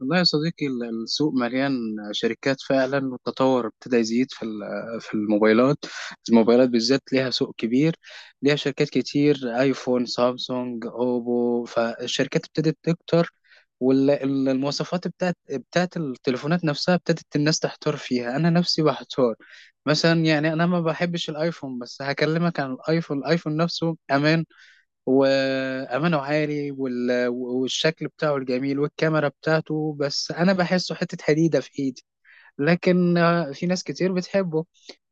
والله يا صديقي، السوق مليان شركات فعلا. والتطور ابتدى يزيد في الموبايلات بالذات ليها سوق كبير، ليها شركات كتير: ايفون، سامسونج، اوبو. فالشركات ابتدت تكتر، والمواصفات بتاعت التليفونات نفسها ابتدت الناس تحتار فيها. انا نفسي بحتار. مثلا يعني انا ما بحبش الايفون، بس هكلمك عن الايفون نفسه امان وامانه عاري، والشكل بتاعه الجميل والكاميرا بتاعته، بس انا بحسه حته حديده في ايدي. لكن في ناس كتير بتحبه.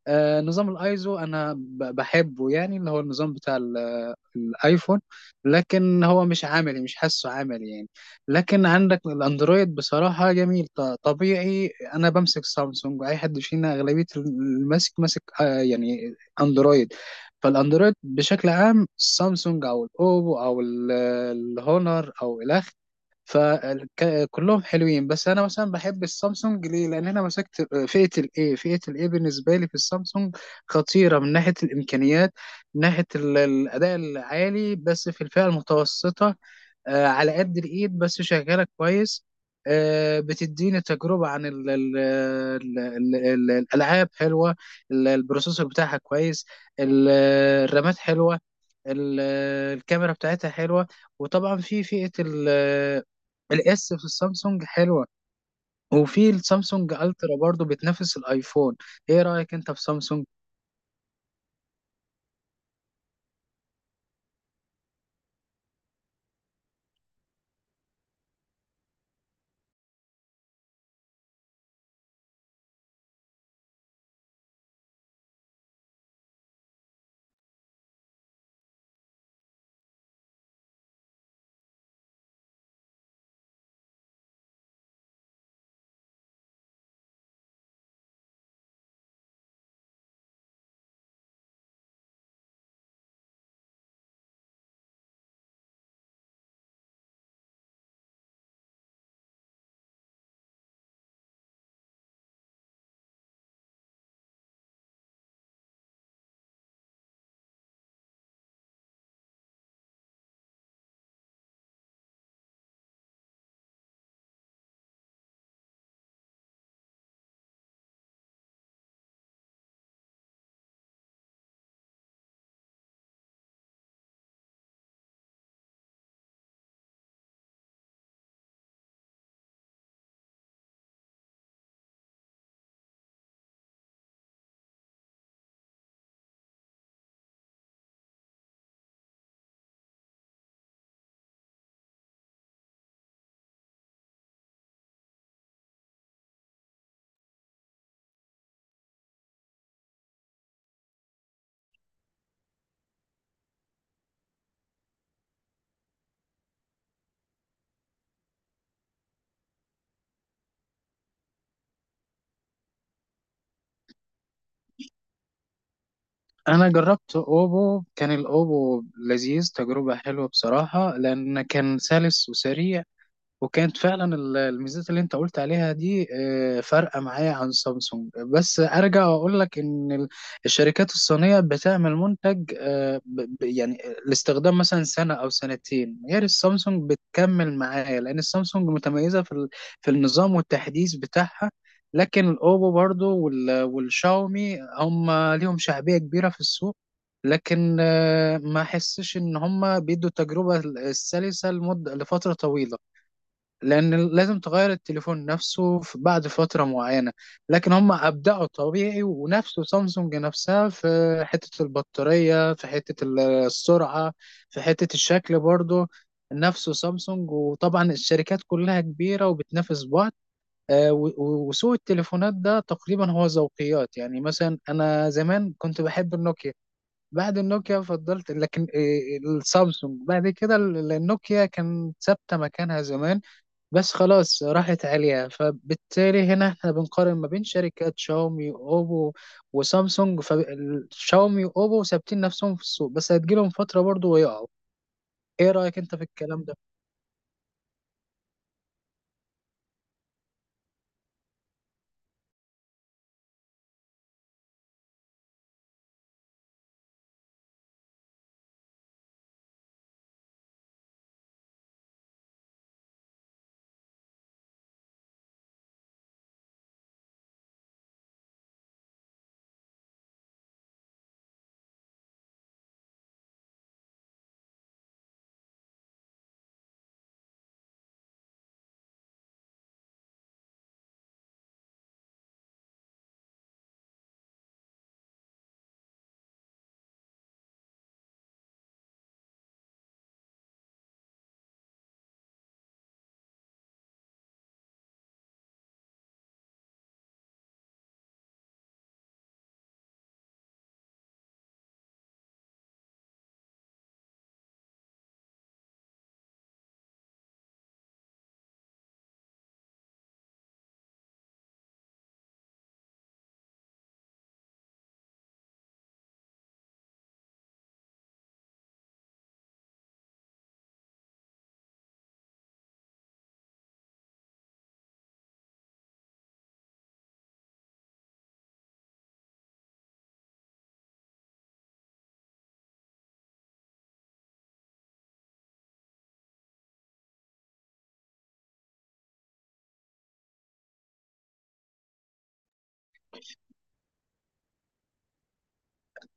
نظام الايزو انا بحبه، يعني اللي هو النظام بتاع الايفون، لكن هو مش عملي، مش حاسه عملي يعني. لكن عندك الاندرويد بصراحة جميل، طبيعي. انا بمسك سامسونج، اي حد فينا اغلبية الماسك ماسك، يعني اندرويد. فالاندرويد بشكل عام: سامسونج او الاوبو او الهونر او الى، فكلهم حلوين. بس انا مثلا بحب السامسونج ليه؟ لان انا مسكت فئه الاي بالنسبه لي في السامسونج خطيره من ناحيه الامكانيات، من ناحيه الاداء العالي، بس في الفئه المتوسطه. على قد الايد بس شغاله كويس. بتديني تجربه عن ال ال ال ال ال الالعاب حلوه، البروسيسور بتاعها كويس، ال- الرامات حلوه، ال- الكاميرا بتاعتها حلوه. وطبعا في فئه الاس في السامسونج حلوه، وفي السامسونج الترا برضو بتنافس الايفون. ايه رايك انت في سامسونج؟ انا جربت اوبو. كان الاوبو لذيذ، تجربه حلوه بصراحه، لان كان سلس وسريع، وكانت فعلا الميزات اللي انت قلت عليها دي، فارقه معايا عن سامسونج. بس ارجع واقول لك ان الشركات الصينيه بتعمل منتج، يعني لاستخدام مثلا سنه او سنتين، غير السامسونج بتكمل معايا لان السامسونج متميزه في في النظام والتحديث بتاعها. لكن الاوبو برضو والشاومي هم ليهم شعبيه كبيره في السوق، لكن ما احسش ان هم بيدوا التجربه السلسه لمده، لفتره طويله، لأن لازم تغير التليفون نفسه بعد فترة معينة. لكن هم أبدعوا طبيعي، ونفسه سامسونج نفسها في حتة البطارية، في حتة السرعة، في حتة الشكل برضه نفسه سامسونج. وطبعا الشركات كلها كبيرة وبتنافس بعض. وسوق التليفونات ده تقريبا هو ذوقيات. يعني مثلا أنا زمان كنت بحب النوكيا، بعد النوكيا فضلت، لكن السامسونج بعد كده. النوكيا كان ثابتة مكانها زمان، بس خلاص راحت عليها. فبالتالي هنا احنا بنقارن ما بين شركات شاومي، اوبو، وسامسونج. فشاومي واوبو ثابتين نفسهم في السوق، بس هتجيلهم فترة برضو ويقعوا. ايه رأيك انت في الكلام ده؟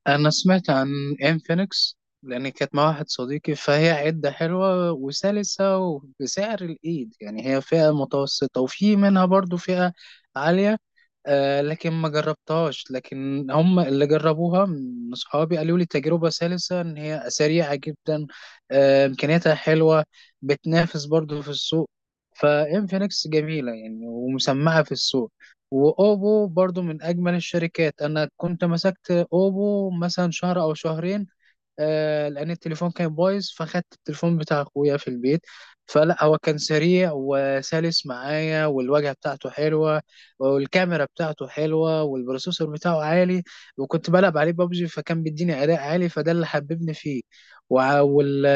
انا سمعت عن انفينكس، لان كانت مع واحد صديقي، فهي عدة حلوة وسلسة وبسعر الايد، يعني هي فئة متوسطة، وفي منها برضو فئة عالية. لكن ما جربتهاش، لكن هم اللي جربوها من أصحابي قالوا لي تجربة سلسة، إن هي سريعة جدا، إمكانياتها حلوة، بتنافس برضو في السوق. فإنفينكس جميلة يعني ومسمعة في السوق. وأوبو برضو من أجمل الشركات. أنا كنت مسكت أوبو مثلا شهر أو شهرين، لان التليفون كان بايظ، فخدت التليفون بتاع اخويا في البيت. فلا، هو كان سريع وسلس معايا، والواجهه بتاعته حلوه، والكاميرا بتاعته حلوه، والبروسيسور بتاعه عالي، وكنت بلعب عليه بابجي فكان بيديني اداء عالي، فده اللي حببني فيه. وع وال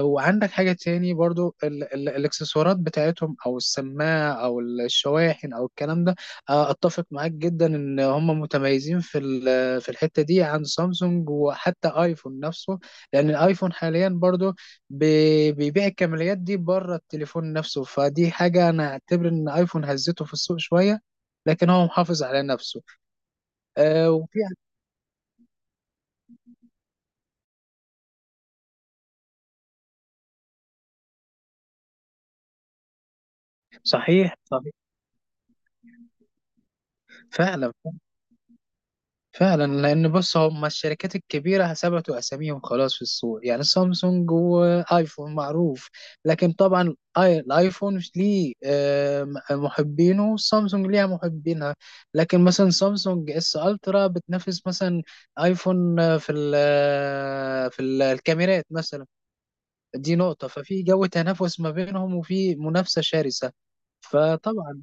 وعندك حاجه تاني برضو، ال ال الاكسسوارات بتاعتهم، او السماعه، او الشواحن، او الكلام ده. اتفق معاك جدا ان هم متميزين في في الحتة دي عن سامسونج وحتى ايفون نفسه، لأن الايفون حاليا برضو بيبيع الكماليات دي بره التليفون نفسه. فدي حاجة أنا أعتبر إن ايفون هزته في السوق شوية، لكن هو محافظ على نفسه. آه، وفي. صحيح، صحيح. فعلا، فعلا، لان بص، هم الشركات الكبيره ثبتوا اساميهم خلاص في السوق، يعني سامسونج وايفون معروف. لكن طبعا الايفون ليه محبينه، وسامسونج ليها محبينها. لكن مثلا سامسونج اس الترا بتنافس مثلا ايفون آه، في ال آه، في ال- الكاميرات مثلا. دي نقطه، ففي جو تنافس ما بينهم وفي منافسه شرسه. فطبعا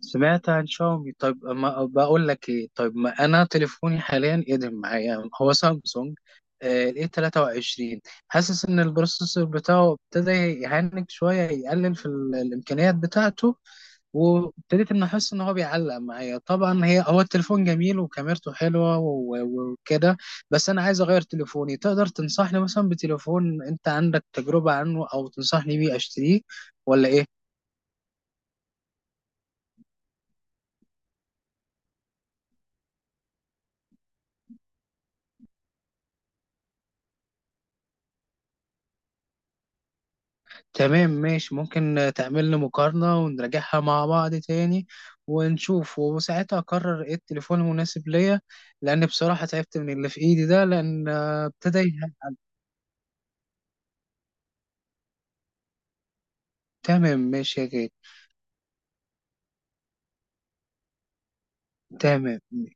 سمعت عن شاومي. طيب، ما بقول لك ايه؟ طيب، ما انا تليفوني حاليا ادم معايا هو سامسونج الاي 23، حاسس ان البروسيسور بتاعه ابتدى يهنج شويه، يقلل في الامكانيات بتاعته، وابتديت ان احس ان هو بيعلق معايا. طبعا هو التليفون جميل وكاميرته حلوه وكده، بس انا عايز اغير تليفوني. تقدر تنصحني مثلا بتليفون انت عندك تجربه عنه، او تنصحني بيه اشتريه، ولا ايه؟ تمام، ماشي. ممكن تعمل لي مقارنة ونراجعها مع بعض تاني ونشوف، وساعتها أقرر إيه التليفون المناسب ليا، لأن بصراحة تعبت من اللي في إيدي ده، لأن ابتدى يهد-. تمام، ماشي يا غالي. تمام، ماشي.